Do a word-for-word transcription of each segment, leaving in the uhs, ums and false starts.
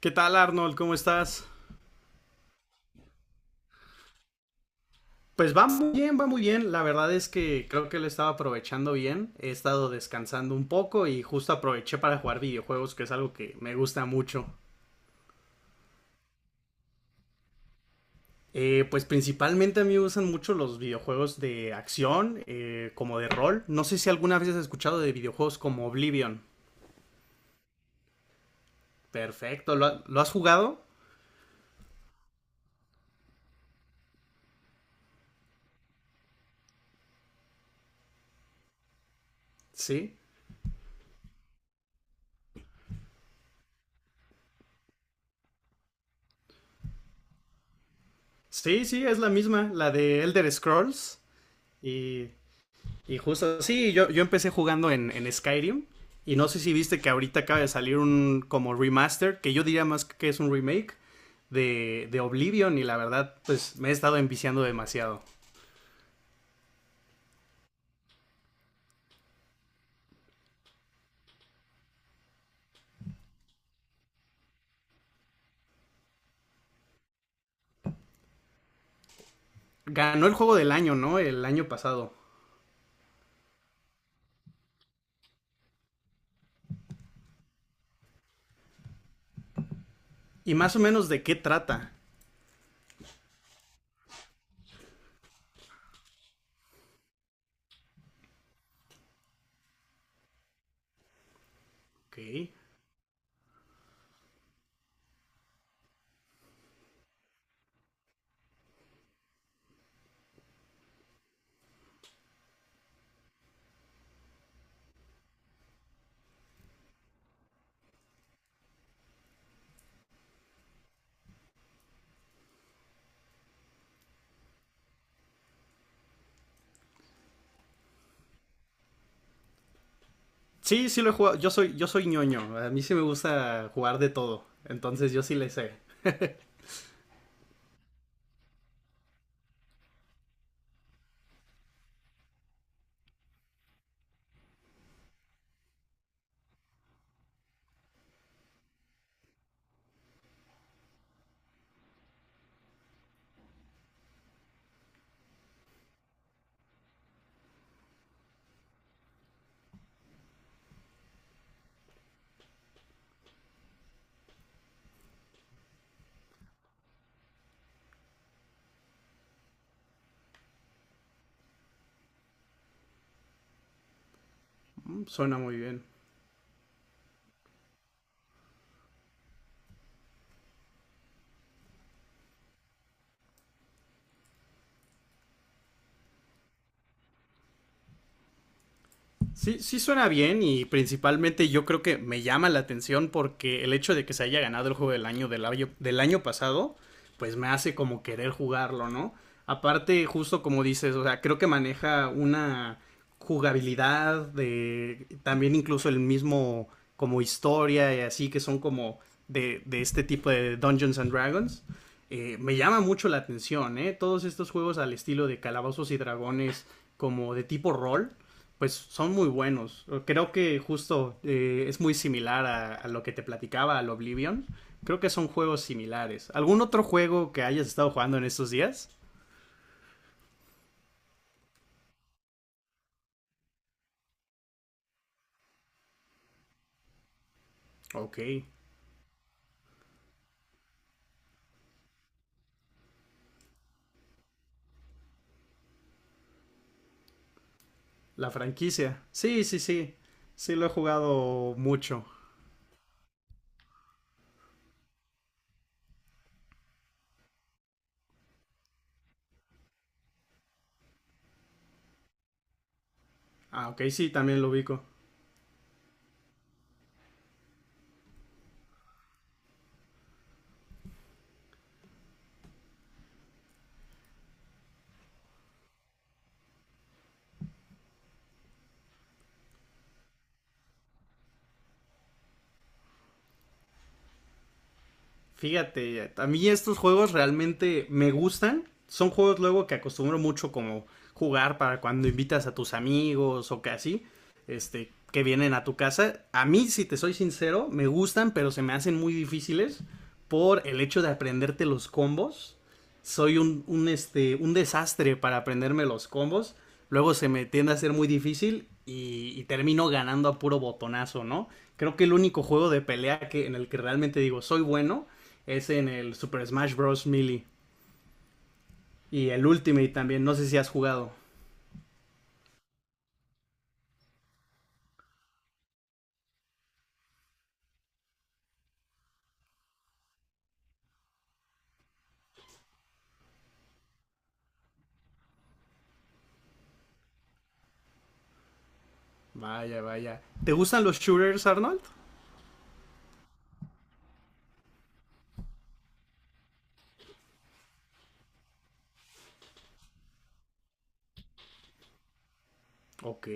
¿Qué tal, Arnold? ¿Cómo estás? Pues va muy bien, va muy bien. La verdad es que creo que lo estaba aprovechando bien. He estado descansando un poco y justo aproveché para jugar videojuegos, que es algo que me gusta mucho. Eh, pues principalmente a mí me gustan mucho los videojuegos de acción, eh, como de rol. No sé si alguna vez has escuchado de videojuegos como Oblivion. Perfecto, ¿lo, ha- ¿lo has jugado? Sí. Sí, sí, es la misma, la de Elder Scrolls. Y Y justo, sí, yo, yo empecé jugando en, en Skyrim. Y no sé si viste que ahorita acaba de salir un como remaster, que yo diría más que es un remake de, de Oblivion. Y la verdad, pues me he estado enviciando demasiado. Ganó el juego del año, ¿no? El año pasado. Y más o menos de qué trata. Ok. Sí, sí lo he jugado. Yo soy, yo soy ñoño. A mí sí me gusta jugar de todo. Entonces yo sí le sé. Suena muy bien. Sí, sí suena bien y principalmente yo creo que me llama la atención porque el hecho de que se haya ganado el juego del año del año, del año pasado, pues me hace como querer jugarlo, ¿no? Aparte, justo como dices, o sea, creo que maneja una jugabilidad de también incluso el mismo como historia y así que son como de, de este tipo de Dungeons and Dragons. Eh, me llama mucho la atención, ¿eh? Todos estos juegos al estilo de Calabozos y Dragones como de tipo rol pues son muy buenos. Creo que justo eh, es muy similar a, a lo que te platicaba, al Oblivion. Creo que son juegos similares. ¿Algún otro juego que hayas estado jugando en estos días? Ok, la franquicia. Sí, sí, sí. Sí, lo he jugado mucho. Ah, ok, sí, también lo ubico. Fíjate, a mí estos juegos realmente me gustan. Son juegos luego que acostumbro mucho como jugar para cuando invitas a tus amigos o que así, este, que vienen a tu casa. A mí, si te soy sincero, me gustan, pero se me hacen muy difíciles por el hecho de aprenderte los combos. Soy un, un, este, un desastre para aprenderme los combos. Luego se me tiende a ser muy difícil y, y termino ganando a puro botonazo, ¿no? Creo que el único juego de pelea que, en el que realmente digo soy bueno es en el Super Smash Bros. Melee. Y el Ultimate también, no sé si has jugado. Vaya, vaya. ¿Te gustan los shooters, Arnold? Ok.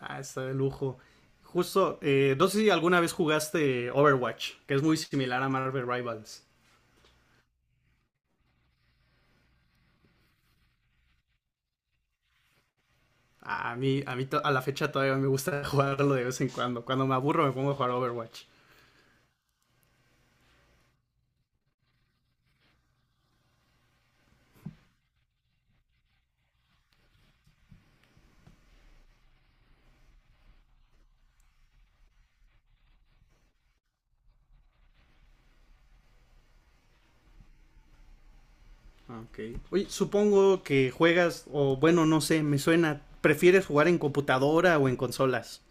Ah, está de lujo. Justo, eh, no sé si alguna vez jugaste Overwatch, que es muy similar a Marvel Rivals. A mí, a mí to- a la fecha todavía me gusta jugarlo de vez en cuando. Cuando me aburro me pongo a jugar Overwatch. Ok. Oye, supongo que juegas, o bueno, no sé, me suena. ¿Prefieres jugar en computadora o en consolas?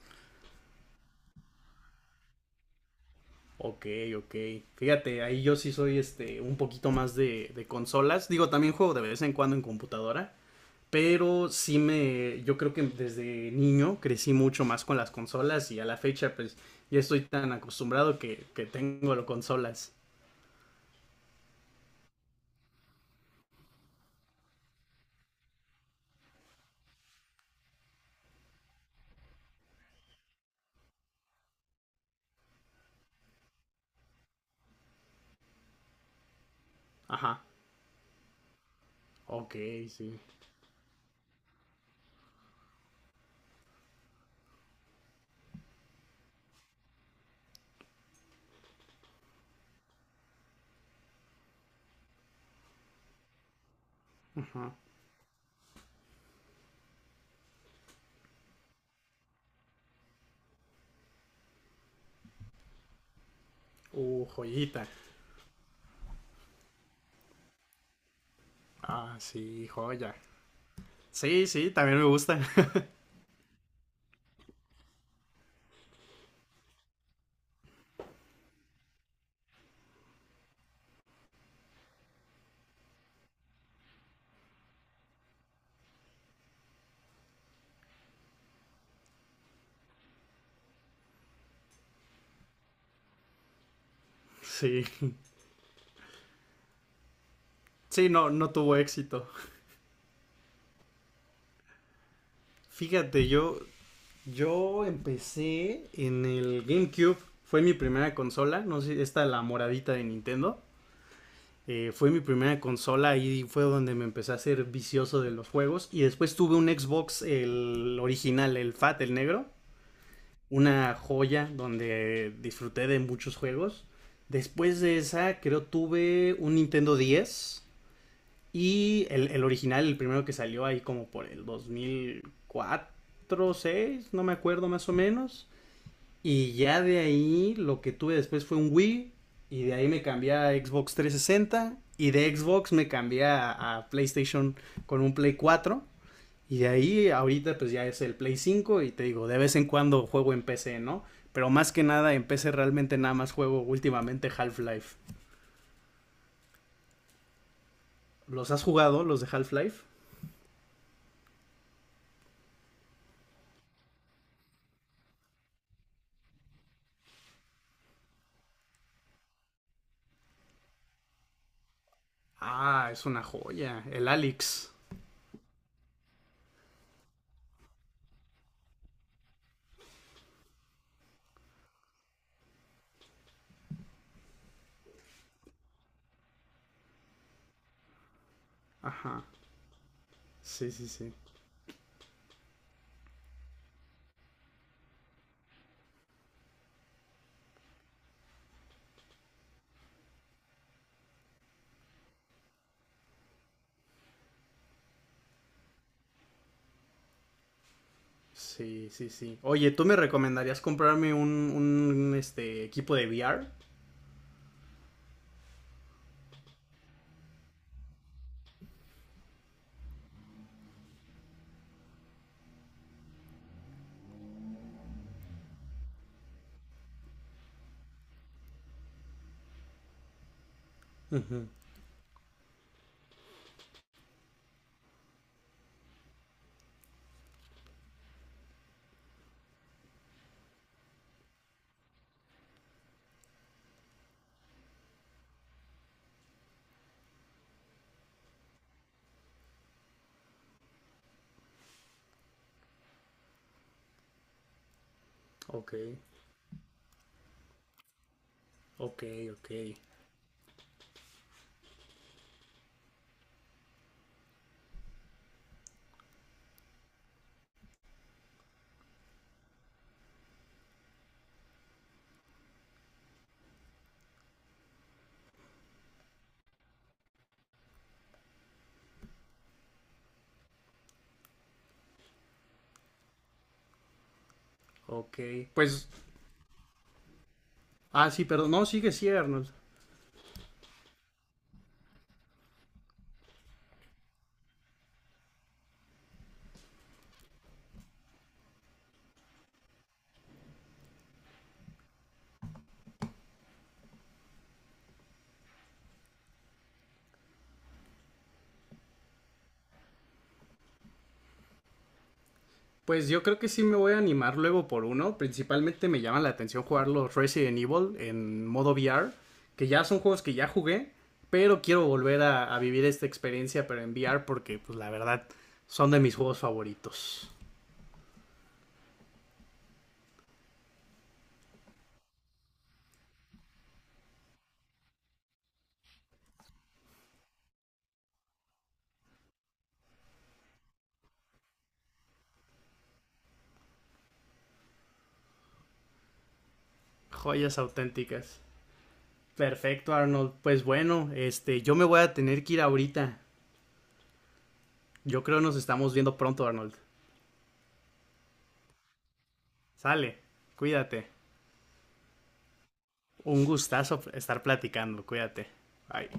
Ok, ok. Fíjate, ahí yo sí soy este un poquito más de, de consolas. Digo, también juego de vez en cuando en computadora. Pero sí me. Yo creo que desde niño crecí mucho más con las consolas. Y a la fecha, pues, ya estoy tan acostumbrado que, que tengo las consolas. Ajá. Ok, sí. Uh, joyita. Ah, sí, joya. Sí, sí, también me gusta. Sí. Sí, no, no tuvo éxito. Fíjate, yo Yo empecé en el GameCube, fue mi primera consola, no sé, esta la moradita de Nintendo. Eh, fue mi primera consola y fue donde me empecé a ser vicioso de los juegos. Y después tuve un Xbox, el original, el Fat, el negro. Una joya donde disfruté de muchos juegos. Después de esa, creo tuve un Nintendo diez. Y el, el original, el primero que salió ahí como por el dos mil cuatro, seis, no me acuerdo más o menos. Y ya de ahí lo que tuve después fue un Wii. Y de ahí me cambié a Xbox trescientos sesenta. Y de Xbox me cambié a, a PlayStation con un Play cuatro. Y de ahí ahorita pues ya es el Play cinco. Y te digo, de vez en cuando juego en P C, ¿no? Pero más que nada en P C realmente nada más juego últimamente Half-Life. ¿Los has jugado, los de Half-Life? Ah, es una joya. El Alex. Ajá. Sí, sí, sí. Sí, sí, sí. Oye, ¿tú me recomendarías comprarme un, un este equipo de V R? Ok, ok, ok, ok. Pues, ah, sí, perdón. No, sigue, sí, Arnold. Pues yo creo que sí me voy a animar luego por uno. Principalmente me llama la atención jugar los Resident Evil en modo V R, que ya son juegos que ya jugué, pero quiero volver a, a vivir esta experiencia, pero en V R, porque, pues, la verdad, son de mis juegos favoritos. Joyas auténticas. Perfecto, Arnold. Pues bueno, este, yo me voy a tener que ir ahorita. Yo creo nos estamos viendo pronto, Arnold. Sale, cuídate. Un gustazo estar platicando, cuídate. Bye.